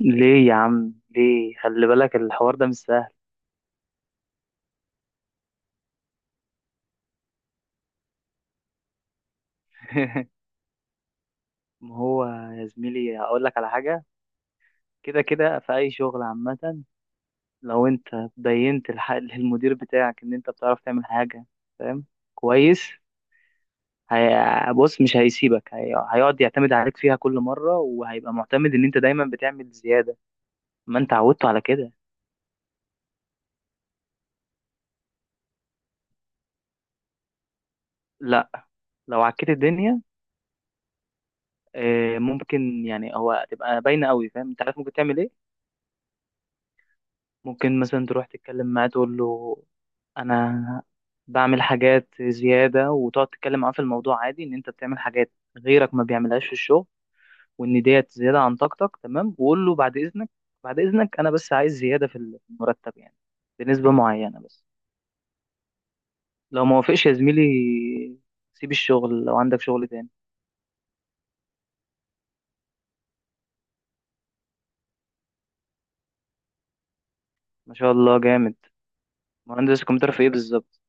ليه يا عم ليه؟ خلي بالك الحوار ده مش سهل. ما هو يا زميلي هقول لك على حاجة. كده كده في أي شغل عامة، لو أنت بينت للمدير بتاعك إن أنت بتعرف تعمل حاجة، فاهم؟ كويس. بص مش هيسيبك، هيقعد يعتمد عليك فيها كل مرة وهيبقى معتمد إن أنت دايما بتعمل زيادة. ما أنت عودته على كده. لا، لو عكيت الدنيا ممكن يعني هو تبقى باينة قوي، فاهم؟ أنت عارف ممكن تعمل إيه. ممكن مثلا تروح تتكلم معاه تقول له انا بعمل حاجات زيادة، وتقعد تتكلم معاه في الموضوع عادي ان انت بتعمل حاجات غيرك ما بيعملهاش في الشغل، وان ديت زيادة عن طاقتك، تمام؟ وقول له بعد اذنك، بعد اذنك انا بس عايز زيادة في المرتب يعني، بنسبة معينة بس. لو ما وافقش يا زميلي سيب الشغل لو عندك شغل تاني. ما شاء الله جامد. مهندس كمبيوتر في ايه بالظبط؟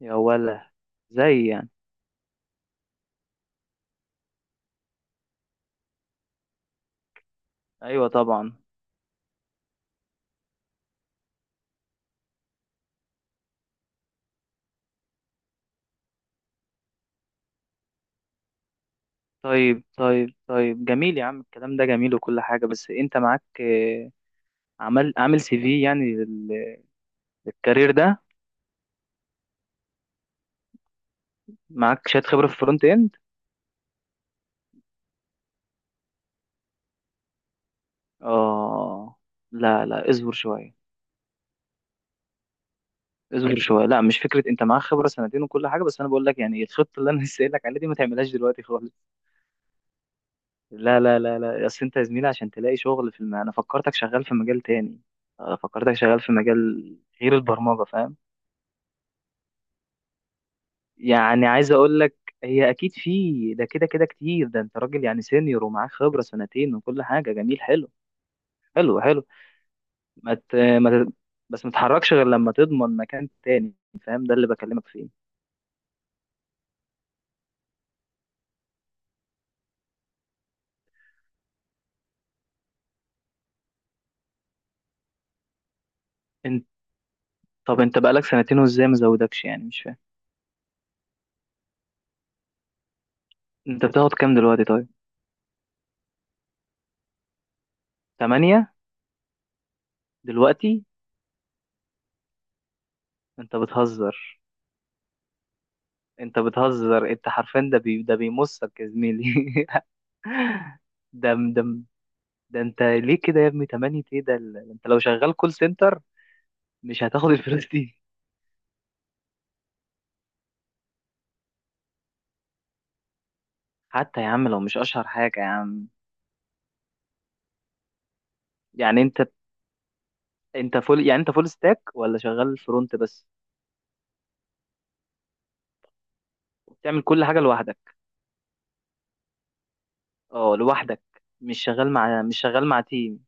يا ولا زي يعني؟ ايوه طبعا. طيب طيب طيب، جميل يا عم، الكلام ده جميل وكل حاجة، بس انت معاك عمل عامل سي في يعني للكارير ده؟ معاك شهادة خبرة في الفرونت اند؟ اه، لا لا، اصبر شوية، اصبر شوية، لا مش فكرة، انت معاك خبرة سنتين وكل حاجة، بس انا بقول لك يعني الخطة اللي انا لسه قايل لك عليها دي ما تعملهاش دلوقتي خالص. لا لا لا لا، اصل انت يا زميلي عشان تلاقي شغل في انا فكرتك شغال في مجال تاني، فكرتك شغال في مجال غير البرمجة، فاهم؟ يعني عايز اقول لك هي اكيد في ده، كده كده كتير، ده انت راجل يعني سينيور ومعاك خبره سنتين وكل حاجه، جميل حلو حلو حلو. ما ت... ما ت... بس ما تتحركش غير لما تضمن مكان تاني، فاهم؟ ده اللي بكلمك فيه. انت، طب انت بقالك سنتين وازاي ما زودكش يعني؟ مش فاهم. انت بتاخد كام دلوقتي طيب؟ تمانية؟ دلوقتي؟ انت بتهزر، انت بتهزر، انت حرفيا ده ده بيمصك يا زميلي. ده ده انت ليه كده يا ابني؟ تمانية ايه ده؟ انت لو شغال كول سنتر مش هتاخد الفلوس دي. حتى يا عم لو مش اشهر حاجه يا عم. يعني انت، انت فول، يعني انت فول ستاك ولا شغال فرونت بس؟ بتعمل كل حاجه لوحدك؟ اه لوحدك؟ مش شغال مع تيم؟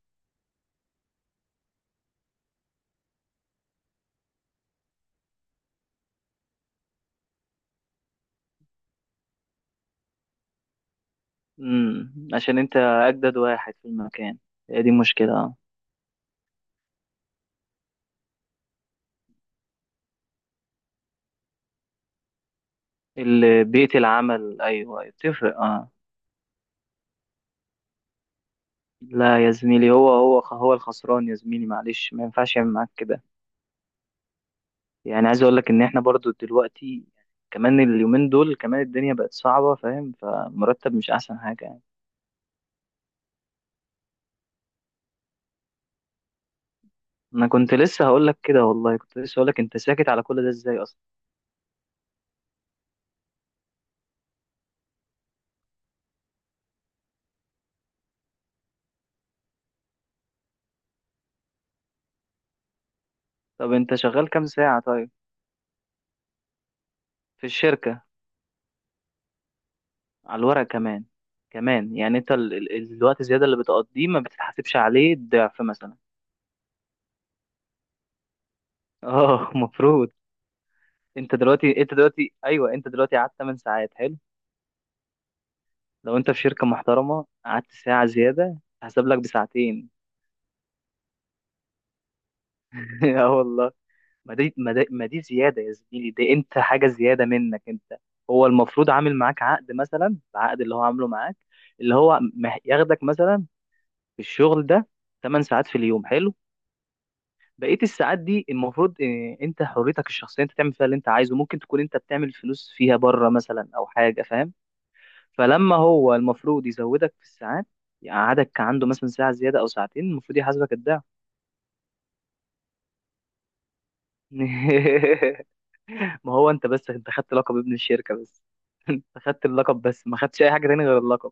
امم، عشان انت اجدد واحد في المكان، هي دي مشكله اه. اللي بيئه العمل، ايوه بتفرق اه. لا يا زميلي، هو الخسران يا زميلي، معلش ما ينفعش يعمل معاك كده. يعني عايز اقول لك ان احنا برضو دلوقتي كمان، اليومين دول كمان الدنيا بقت صعبه، فاهم؟ فمرتب مش احسن حاجه. انا كنت لسه هقول لك كده، والله كنت لسه هقول لك، انت ساكت على كل ده ازاي اصلا؟ طب انت شغال كام ساعة طيب؟ في الشركة؟ على الورق؟ كمان، كمان يعني انت الوقت الزيادة اللي بتقضيه ما بتتحاسبش عليه الضعف مثلا؟ اه المفروض. انت دلوقتي، انت دلوقتي ايوه، انت دلوقتي قعدت 8 ساعات حلو، لو انت في شركة محترمة قعدت ساعة زيادة هحسب لك بساعتين. اه والله. ما دي زيادة يا زميلي، دي انت حاجة زيادة منك انت. هو المفروض عامل معاك عقد مثلا، العقد اللي هو عامله معاك اللي هو ياخدك مثلا في الشغل ده 8 ساعات في اليوم، حلو. بقية الساعات دي المفروض انت حريتك الشخصية انت تعمل فيها اللي انت عايزه، ممكن تكون انت بتعمل فلوس فيها بره مثلا او حاجة، فاهم؟ فلما هو المفروض يزودك في الساعات، يقعدك عنده مثلا ساعة زيادة او ساعتين، المفروض يحاسبك الضعف. ما هو انت بس انت خدت لقب ابن الشركة بس، انت خدت اللقب بس ما خدتش اي حاجة تاني غير اللقب.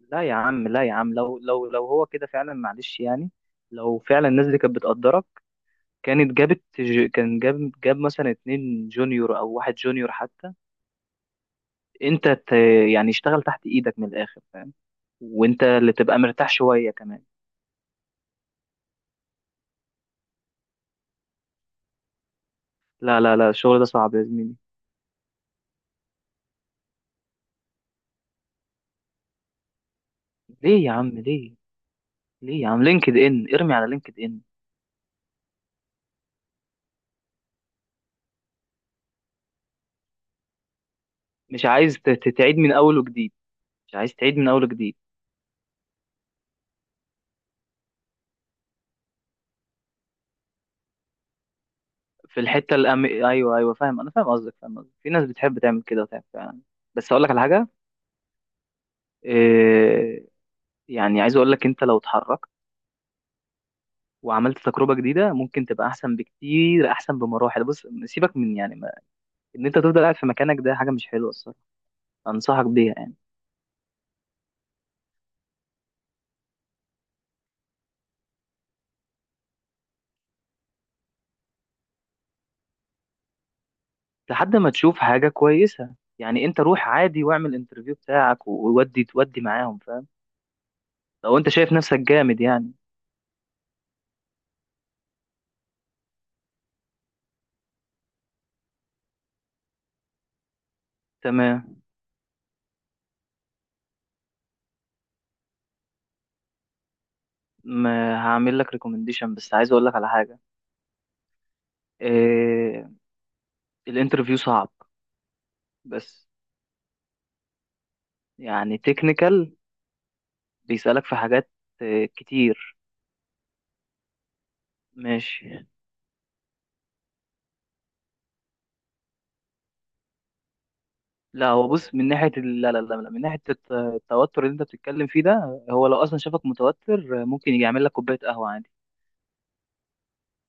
لا يا عم، لا يا عم، لو هو كده فعلا معلش يعني، لو فعلا الناس دي كانت بتقدرك كانت جابت ج- كان جاب جاب مثلا اتنين جونيور او واحد جونيور حتى، انت ت... يعني اشتغل تحت ايدك من الاخر، فاهم؟ وانت اللي تبقى مرتاح شوية كمان. لا الشغل ده صعب يا زميلي. ليه يا عم ليه؟ ليه يا عم؟ لينكد ان، ارمي على لينكد ان. مش عايز تعيد من اول وجديد؟ مش عايز تعيد من اول وجديد؟ في الحته ايوه ايوه فاهم، انا فاهم قصدك، فاهم قصدك، في ناس بتحب تعمل كده وتعمل فعلا. بس اقول لك على حاجه، إيه... يعني عايز اقول لك انت لو اتحركت وعملت تجربه جديده ممكن تبقى احسن بكتير، احسن بمراحل. بص سيبك من يعني ما... ان انت تفضل قاعد في مكانك ده حاجه مش حلوه الصراحه، انصحك بيها يعني. لحد ما تشوف حاجه كويسه يعني، انت روح عادي واعمل انترفيو بتاعك وودي تودي معاهم، فاهم؟ لو انت شايف نفسك جامد يعني. تمام، ما هعمل لك ريكومنديشن، بس عايز اقول لك على حاجه، آه، الانترفيو صعب بس، يعني تكنيكال، بيسألك في حاجات كتير. ماشي. لا هو بص من ناحية لا لا لا لا، من ناحية التوتر اللي انت بتتكلم فيه ده، هو لو اصلا شافك متوتر ممكن يجي يعمل لك كوباية قهوة عادي،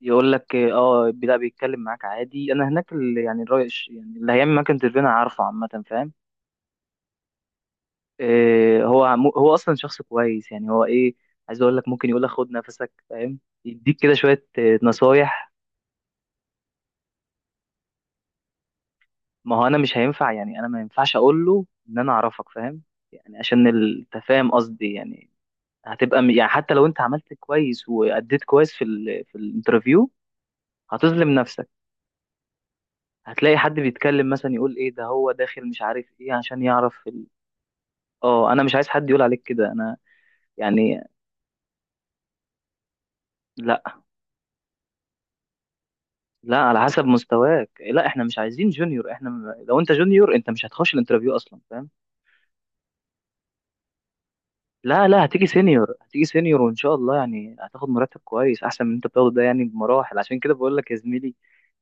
يقول لك اه لا بيتكلم معاك عادي. انا هناك يعني الراي يعني اللي هيعمل معاك انترفيو انا عارفه عامة، فاهم؟ هو هو اصلا شخص كويس يعني، هو ايه، عايز اقول لك ممكن يقول لك خد نفسك، فاهم؟ يديك كده شوية نصايح. ما هو انا مش هينفع، يعني انا ما ينفعش اقول له ان انا اعرفك، فاهم؟ يعني عشان التفاهم قصدي يعني، يعني حتى لو انت عملت كويس واديت كويس في ال في الانترفيو هتظلم نفسك. هتلاقي حد بيتكلم مثلا يقول ايه ده، هو داخل مش عارف ايه، عشان يعرف اه انا مش عايز حد يقول عليك كده، انا يعني. لا، لا على حسب مستواك، لا احنا مش عايزين جونيور، لو انت جونيور انت مش هتخش الانترفيو اصلا، فاهم؟ لا لا، هتيجي سينيور، هتيجي سينيور وان شاء الله، يعني هتاخد مرتب كويس احسن من انت بتاخده ده يعني بمراحل، عشان كده بقول لك يا زميلي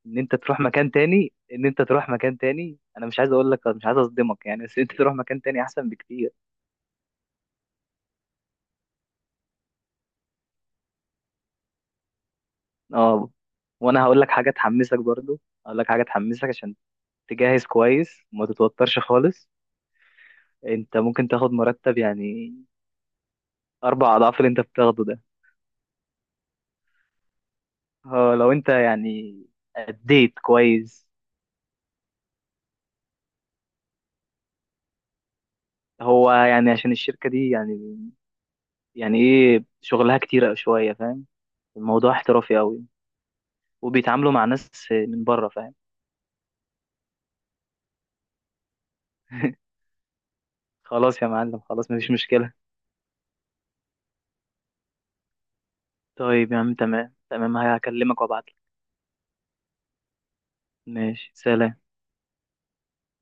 ان انت تروح مكان تاني، ان انت تروح مكان تاني، انا مش عايز اقول لك، مش عايز اصدمك يعني، بس انت تروح مكان تاني احسن بكتير. اه، وانا هقول لك حاجه تحمسك برضو، هقول لك حاجه تحمسك عشان تجهز كويس وما تتوترش خالص. انت ممكن تاخد مرتب يعني اربع اضعاف اللي انت بتاخده ده. اه لو انت يعني اديت كويس. هو يعني عشان الشركه دي يعني، يعني ايه، شغلها كتير شويه، فاهم؟ الموضوع احترافي قوي، وبيتعاملوا مع ناس من بره، فاهم؟ خلاص يا معلم، خلاص مفيش مشكله. طيب يا عم، تمام تمام، هكلمك وابعتلك. ماشي، سلام.